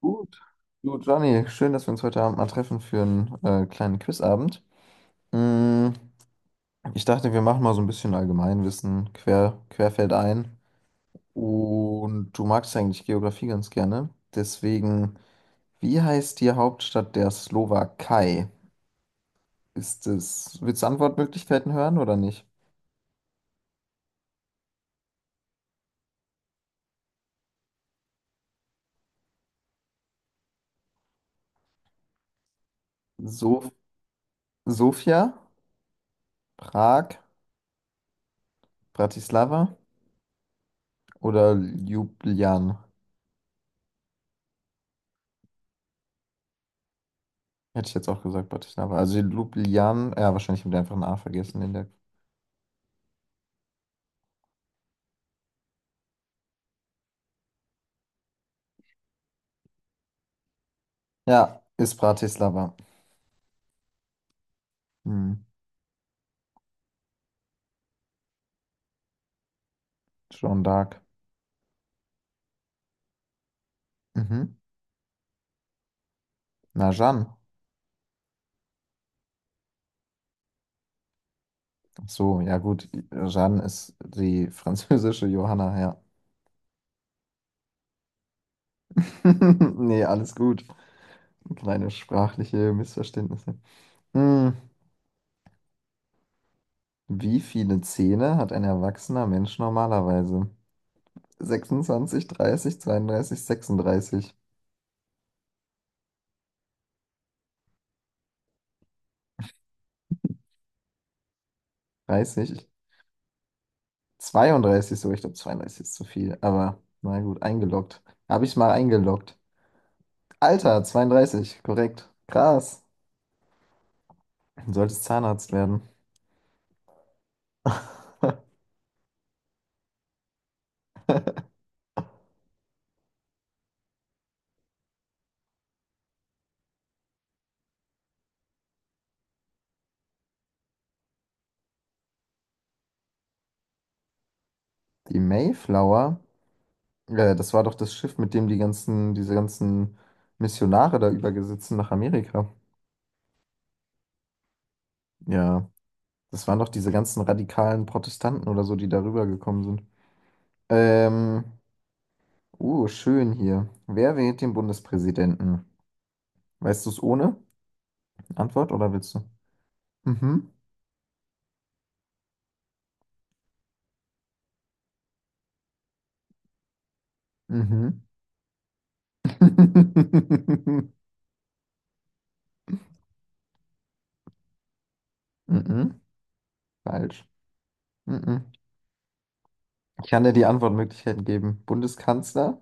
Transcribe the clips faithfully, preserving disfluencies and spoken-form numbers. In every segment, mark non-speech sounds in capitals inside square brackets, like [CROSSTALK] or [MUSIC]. Gut. Du, Johnny, schön, dass wir uns heute Abend mal treffen für einen äh, kleinen Quizabend. Mm, ich dachte, wir machen mal so ein bisschen Allgemeinwissen quer, querfeld ein. Und du magst eigentlich Geografie ganz gerne. Deswegen, wie heißt die Hauptstadt der Slowakei? Ist es, willst du Antwortmöglichkeiten hören oder nicht? So Sofia, Prag, Bratislava oder Ljubljana? Hätte ich jetzt auch gesagt, Bratislava. Also Ljubljana, ja, wahrscheinlich mit ich einfach ein A vergessen in der. Ja, ist Bratislava. Hm, schon dark. Mhm. Na, Jeanne. Ach so, ja gut. Jeanne ist die [LAUGHS] französische Johanna, ja. [LAUGHS] Nee, alles gut. Kleine sprachliche Missverständnisse. Hm, wie viele Zähne hat ein erwachsener Mensch normalerweise? sechsundzwanzig, dreißig, zweiunddreißig, sechsunddreißig. dreißig? zweiunddreißig so, ich glaube zweiunddreißig ist zu viel, aber na gut, eingeloggt. Habe ich mal eingeloggt. Alter, zweiunddreißig, korrekt. Krass. Du solltest Zahnarzt werden. [LAUGHS] Die Mayflower, äh, das war doch das Schiff, mit dem die ganzen, diese ganzen Missionare da übergesetzt sind nach Amerika. Ja, das waren doch diese ganzen radikalen Protestanten oder so, die darüber gekommen sind. Ähm, uh, schön hier. Wer wählt den Bundespräsidenten? Weißt du es ohne Antwort oder willst du? Mhm. Mhm. [LAUGHS] Mhm. Falsch. Mhm. Ich kann dir die Antwortmöglichkeiten geben. Bundeskanzler,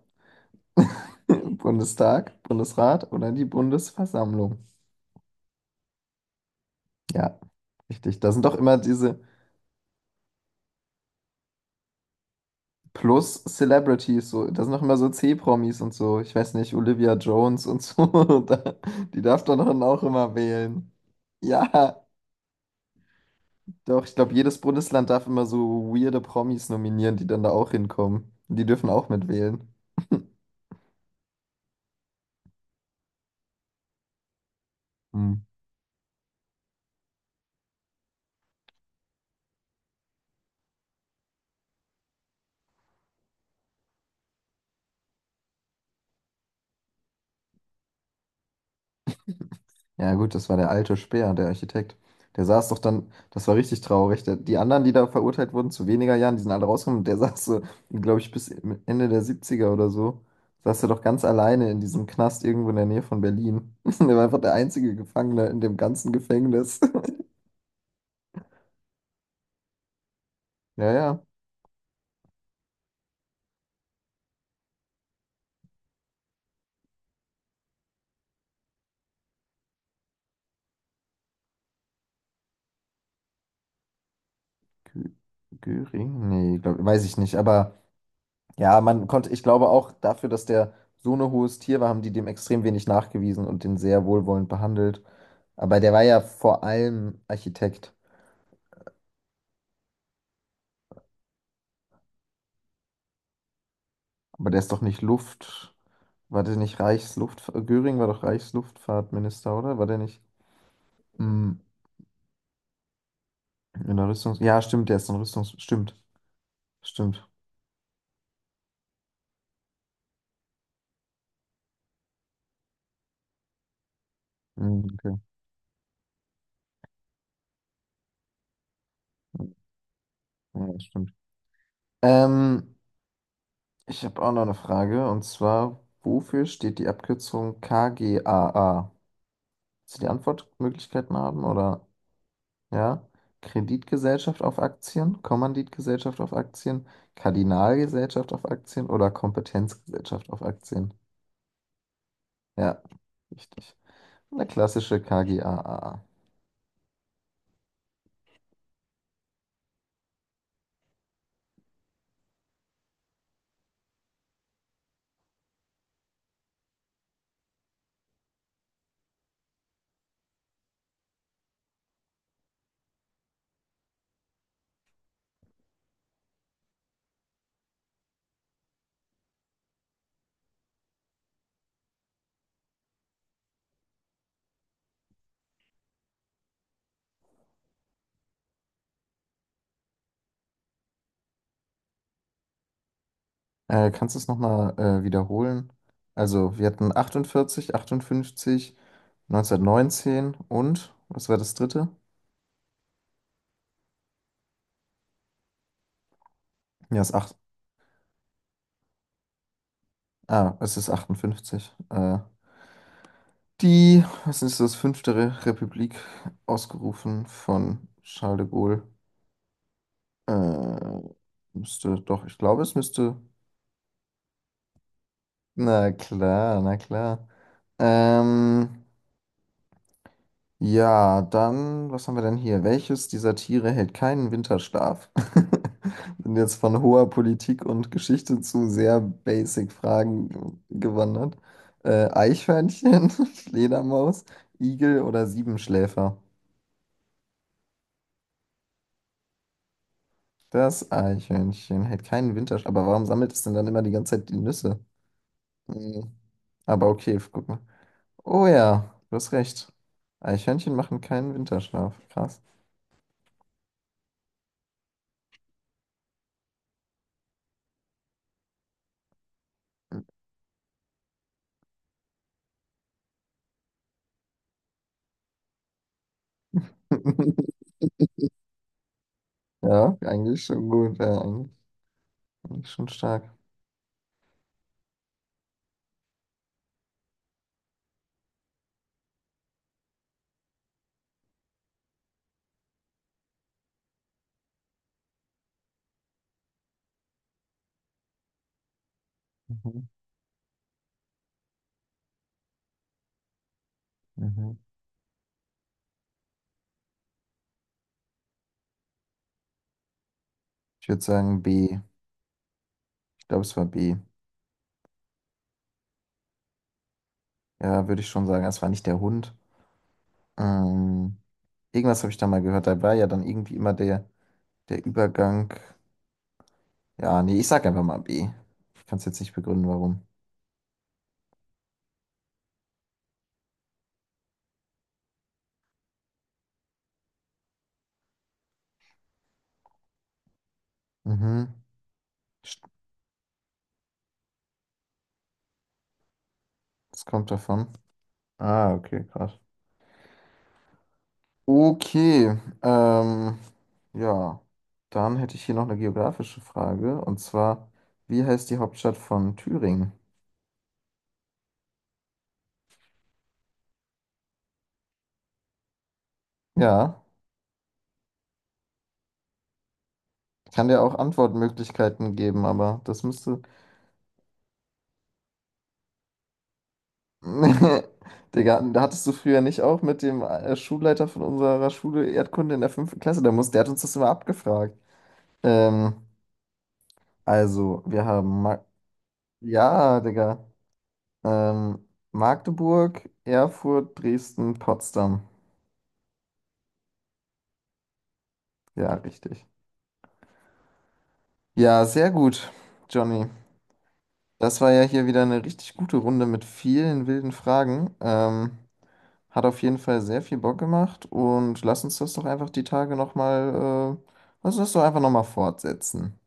[LAUGHS] Bundestag, Bundesrat oder die Bundesversammlung. Ja, richtig. Da sind doch immer diese Plus-Celebrities, so, da sind doch immer so C-Promis und so. Ich weiß nicht, Olivia Jones und so. [LAUGHS] Da, die darf doch dann auch immer wählen. Ja, doch, ich glaube, jedes Bundesland darf immer so weirde Promis nominieren, die dann da auch hinkommen. Die dürfen auch mitwählen. [LAUGHS] Hm. Ja, gut, das war der alte Speer, der Architekt. Der saß doch dann, das war richtig traurig. Der, die anderen, die da verurteilt wurden zu weniger Jahren, die sind alle rausgekommen. Und der saß so, glaube ich, bis Ende der Siebziger oder so, saß er doch ganz alleine in diesem Knast irgendwo in der Nähe von Berlin. [LAUGHS] Der war einfach der einzige Gefangene in dem ganzen Gefängnis. [LAUGHS] Ja, ja. Gü- Göring? Nee, glaub, weiß ich nicht. Aber ja, man konnte, ich glaube auch dafür, dass der so ein hohes Tier war, haben die dem extrem wenig nachgewiesen und den sehr wohlwollend behandelt. Aber der war ja vor allem Architekt. Aber der ist doch nicht Luft. War der nicht Reichsluft... Göring war doch Reichsluftfahrtminister, oder? War der nicht mm, in der Rüstungs... Ja, stimmt, der ist in Rüstungs... Stimmt, stimmt. Mm, okay. Ja, ja, stimmt. Ähm, ich habe auch noch eine Frage. Und zwar, wofür steht die Abkürzung K G A A? Willst du die Antwortmöglichkeiten haben, oder? Ja, Kreditgesellschaft auf Aktien, Kommanditgesellschaft auf Aktien, Kardinalgesellschaft auf Aktien oder Kompetenzgesellschaft auf Aktien. Ja, richtig. Eine klassische KGaA. Äh, kannst du es nochmal äh, wiederholen? Also, wir hatten achtundvierzig, achtundfünfzig, neunzehnhundertneunzehn und, was war das dritte? Ja, es ist acht, ah, es ist achtundfünfzig. Äh, die, was ist das, fünfte Re Republik, ausgerufen von Charles de Gaulle. Äh, müsste, doch, ich glaube, es müsste. Na klar, na klar. Ähm, ja, dann, was haben wir denn hier? Welches dieser Tiere hält keinen Winterschlaf? [LAUGHS] Sind jetzt von hoher Politik und Geschichte zu sehr basic Fragen gewandert. Äh, Eichhörnchen, [LAUGHS] Fledermaus, Igel oder Siebenschläfer? Das Eichhörnchen hält keinen Winterschlaf. Aber warum sammelt es denn dann immer die ganze Zeit die Nüsse? Hm, Aber okay, guck mal. Oh ja, du hast recht. Eichhörnchen machen keinen Winterschlaf. Krass. [LAUGHS] Ja, eigentlich schon gut. Ja, eigentlich, eigentlich schon stark. Mhm. Mhm. Ich würde sagen B. Ich glaube, es war B. Ja, würde ich schon sagen. Es war nicht der Hund. Ähm, irgendwas habe ich da mal gehört. Da war ja dann irgendwie immer der, der Übergang. Ja, nee, ich sag einfach mal B. Ich kann es jetzt nicht begründen, warum. Mhm. St- Es kommt davon. Ah, okay, krass. Okay, ähm, ja, dann hätte ich hier noch eine geografische Frage und zwar, wie heißt die Hauptstadt von Thüringen? Ja, kann dir auch Antwortmöglichkeiten geben, aber das müsste. [LAUGHS] Digga, da hattest du früher nicht auch mit dem äh, Schulleiter von unserer Schule Erdkunde in der fünften Klasse, der muss, der hat uns das immer abgefragt. Ähm, also, wir haben, Ma ja, Digga, ähm, Magdeburg, Erfurt, Dresden, Potsdam. Ja, richtig. Ja, sehr gut, Johnny. Das war ja hier wieder eine richtig gute Runde mit vielen wilden Fragen. Ähm, hat auf jeden Fall sehr viel Bock gemacht und lass uns das doch einfach die Tage nochmal, äh, lass uns das doch einfach nochmal fortsetzen.